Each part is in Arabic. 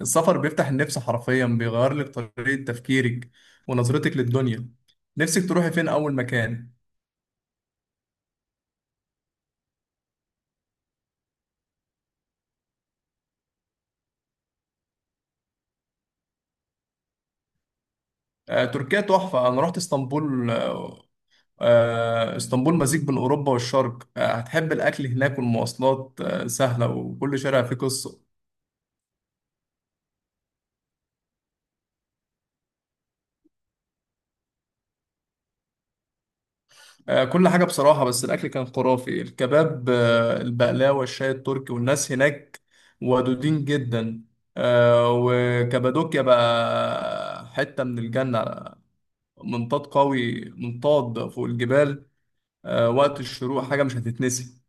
السفر بيفتح النفس حرفيا، بيغير لك طريقة تفكيرك ونظرتك للدنيا. نفسك تروحي فين أول مكان؟ تركيا تحفة. أنا رحت اسطنبول. اسطنبول مزيج بين أوروبا والشرق. هتحب الأكل هناك والمواصلات سهلة، وكل شارع فيه قصة. كل حاجة بصراحة، بس الأكل كان خرافي: الكباب، البقلاوة، الشاي التركي، والناس هناك ودودين جدا. وكابادوكيا بقى حتة من الجنة. منطاد قوي، منطاد فوق الجبال وقت الشروق، حاجة مش هتتنسي.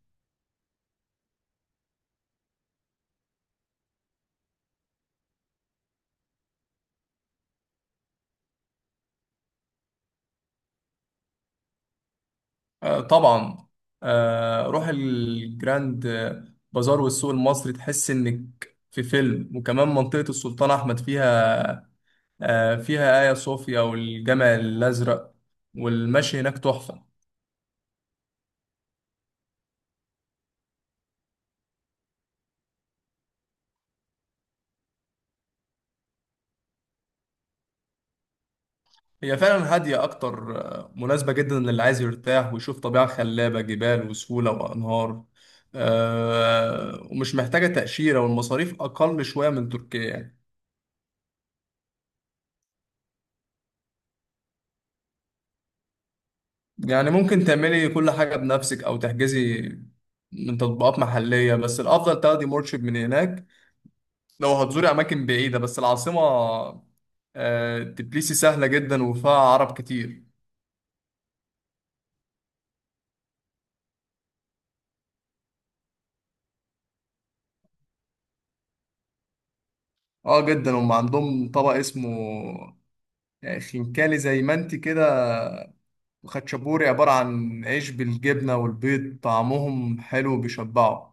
آه، طبعا. روح الجراند بازار والسوق المصري، تحس إنك في فيلم. وكمان منطقة السلطان أحمد فيها آيا صوفيا والجامع الأزرق، والمشي هناك تحفة. هي فعلا هادية أكتر، مناسبة جدا للي عايز يرتاح ويشوف طبيعة خلابة: جبال وسهولة وأنهار. ومش محتاجة تأشيرة، والمصاريف أقل شوية من تركيا يعني. يعني ممكن تعملي كل حاجة بنفسك أو تحجزي من تطبيقات محلية، بس الأفضل تاخدي مرشد من هناك لو هتزوري أماكن بعيدة. بس العاصمة تبليسي سهلة جدا وفيها عرب كتير. اه، جدا. هم عندهم طبق اسمه خنكالي، زي ما انت كده، وخاتشابوري، عبارة عن عيش بالجبنة والبيض. طعمهم حلو بيشبعوا.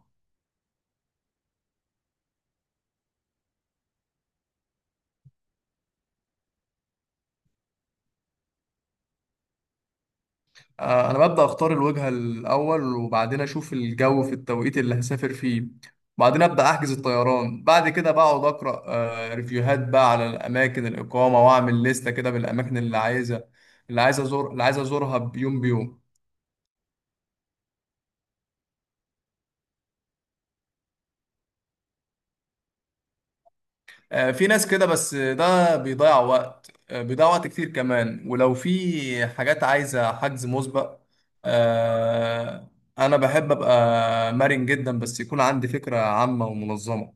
انا ببدا اختار الوجهه الاول، وبعدين اشوف الجو في التوقيت اللي هسافر فيه، وبعدين ابدا احجز الطيران. بعد كده بقعد اقرا ريفيوهات بقى على الاماكن الاقامه، واعمل لستة كده بالاماكن اللي عايزه. اللي عايز ازورها بيوم بيوم. في ناس كده، بس ده بيضيع وقت كتير كمان، ولو في حاجات عايزه حجز مسبق آه، انا بحب ابقى مرن جدا، بس يكون عندي فكره عامه ومنظمه.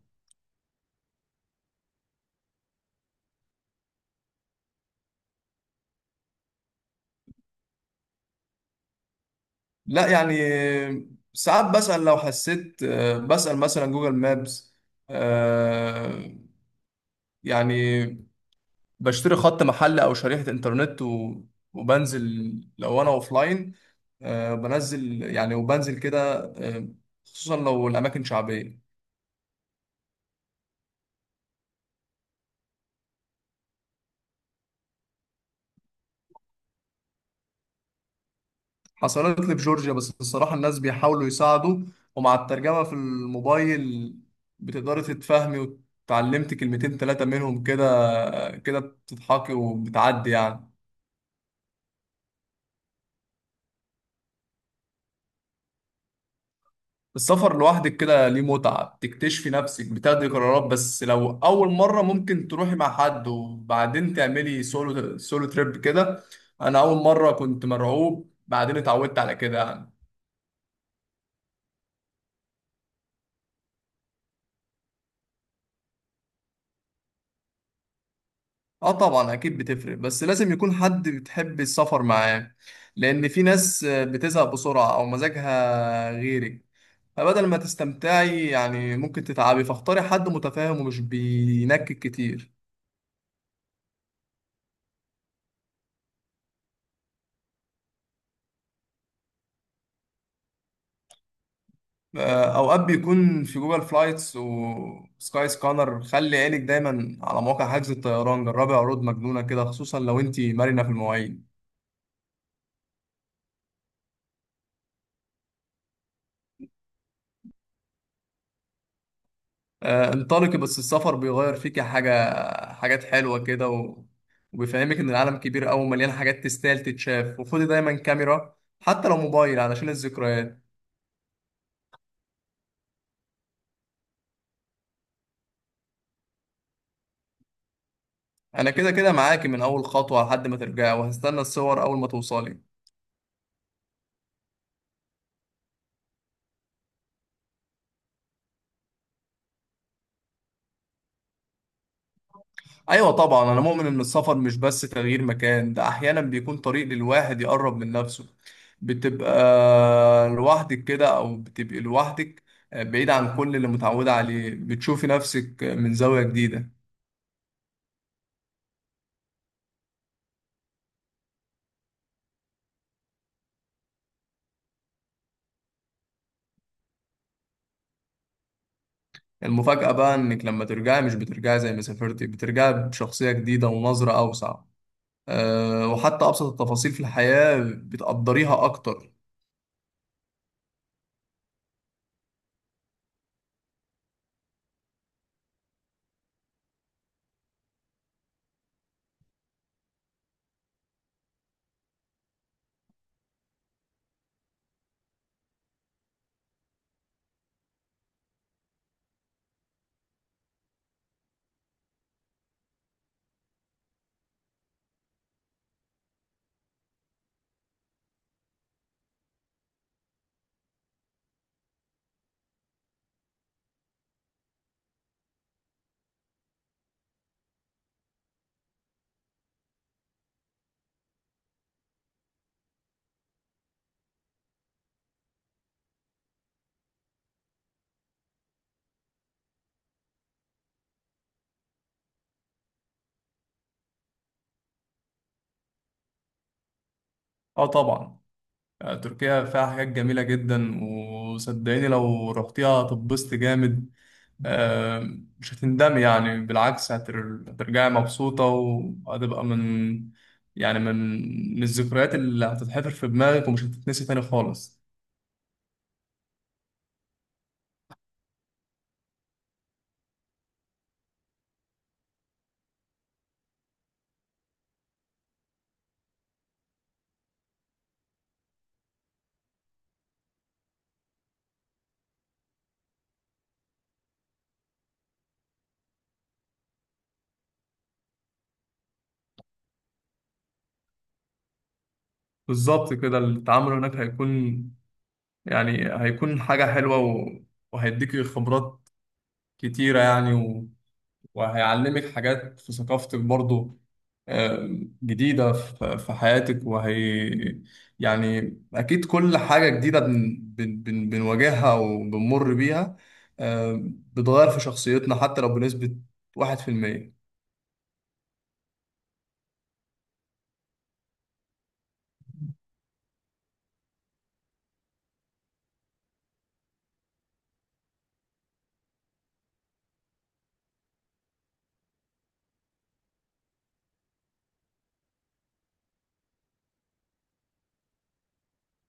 لا، يعني ساعات بسأل لو حسيت، بسأل مثلا جوجل مابس. آه، يعني بشتري خط محل أو شريحة إنترنت، و- وبنزل لو أنا أوفلاين. بنزل يعني، وبنزل كده، خصوصا لو الأماكن شعبية. حصلت لي في جورجيا، بس الصراحة الناس بيحاولوا يساعدوا، ومع الترجمة في الموبايل بتقدري تتفهمي. وتعلمت كلمتين تلاتة منهم كده، كده بتضحكي وبتعدي يعني. السفر لوحدك كده ليه متعة. بتكتشفي نفسك، بتاخدي قرارات. بس لو أول مرة ممكن تروحي مع حد، وبعدين تعملي سولو تريب كده. أنا أول مرة كنت مرعوب، بعدين اتعودت على كده يعني. اه، طبعا، اكيد بتفرق. بس لازم يكون حد بتحب السفر معاه، لان في ناس بتزهق بسرعة او مزاجها غيرك، فبدل ما تستمتعي يعني ممكن تتعبي. فاختاري حد متفاهم ومش بينكد كتير. اوقات بيكون في جوجل فلايتس وسكاي سكانر. خلي عينك دايما على مواقع حجز الطيران، جربي عروض مجنونه كده، خصوصا لو انت مرنه في المواعيد. انطلقي. بس السفر بيغير فيكي حاجات حلوه كده، و... وبيفهمك ان العالم كبير قوي ومليان حاجات تستاهل تتشاف. وخدي دايما كاميرا، حتى لو موبايل، علشان الذكريات. انا كده كده معاكي من اول خطوه لحد ما ترجعي، وهستنى الصور اول ما توصلي. ايوه طبعا، انا مؤمن ان السفر مش بس تغيير مكان، ده احيانا بيكون طريق للواحد يقرب من نفسه. بتبقى لوحدك كده او بتبقي لوحدك بعيد عن كل اللي متعودة عليه، بتشوفي نفسك من زاوية جديدة. المفاجأة بقى انك لما ترجعي مش بترجعي زي ما سافرتي، بترجعي بشخصية جديدة ونظرة اوسع. وحتى ابسط التفاصيل في الحياة بتقدريها اكتر. اه، طبعا. تركيا فيها حاجات جميلة جدا، وصدقيني لو رحتيها هتتبسط جامد. مش هتندمي يعني، بالعكس هترجعي مبسوطة، وهتبقى من يعني من من الذكريات اللي هتتحفر في دماغك ومش هتتنسي تاني خالص. بالظبط كده. التعامل هناك يعني هيكون حاجة حلوة، و- وهيديكي خبرات كتيرة يعني، و- وهيعلمك حاجات في ثقافتك برضو آه، جديدة في حياتك. وهي يعني أكيد كل حاجة جديدة بن بن بن بنواجهها وبنمر بيها، آه، بتغير في شخصيتنا حتى لو بنسبة 1%.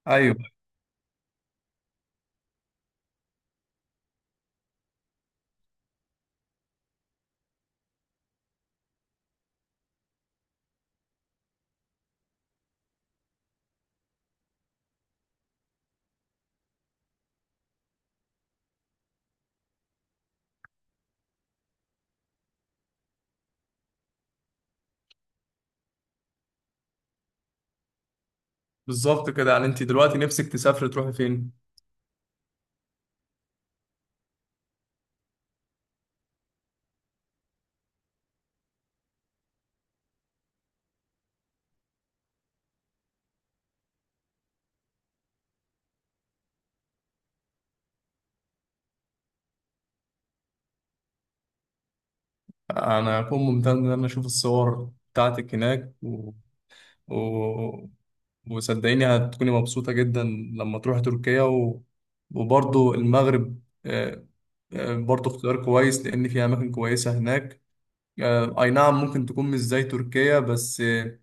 أيوة، بالظبط كده. يعني أنت دلوقتي نفسك تسافري تروحي فين؟ أنا أكون ممتن إن أنا أشوف الصور بتاعتك هناك، و... وصدقيني هتكوني مبسوطة جدا لما تروحي تركيا. و... وبرضو المغرب برضو اختيار كويس، لأن في أماكن كويسة هناك. أي نعم، ممكن تكون مش زي تركيا، بس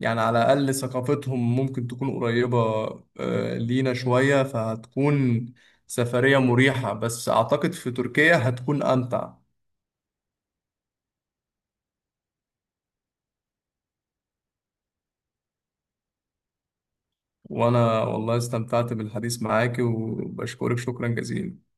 يعني على الأقل ثقافتهم ممكن تكون قريبة لينا شوية، فهتكون سفرية مريحة. بس أعتقد في تركيا هتكون أمتع. وأنا والله استمتعت بالحديث معاكي، وبشكرك شكرا جزيلا.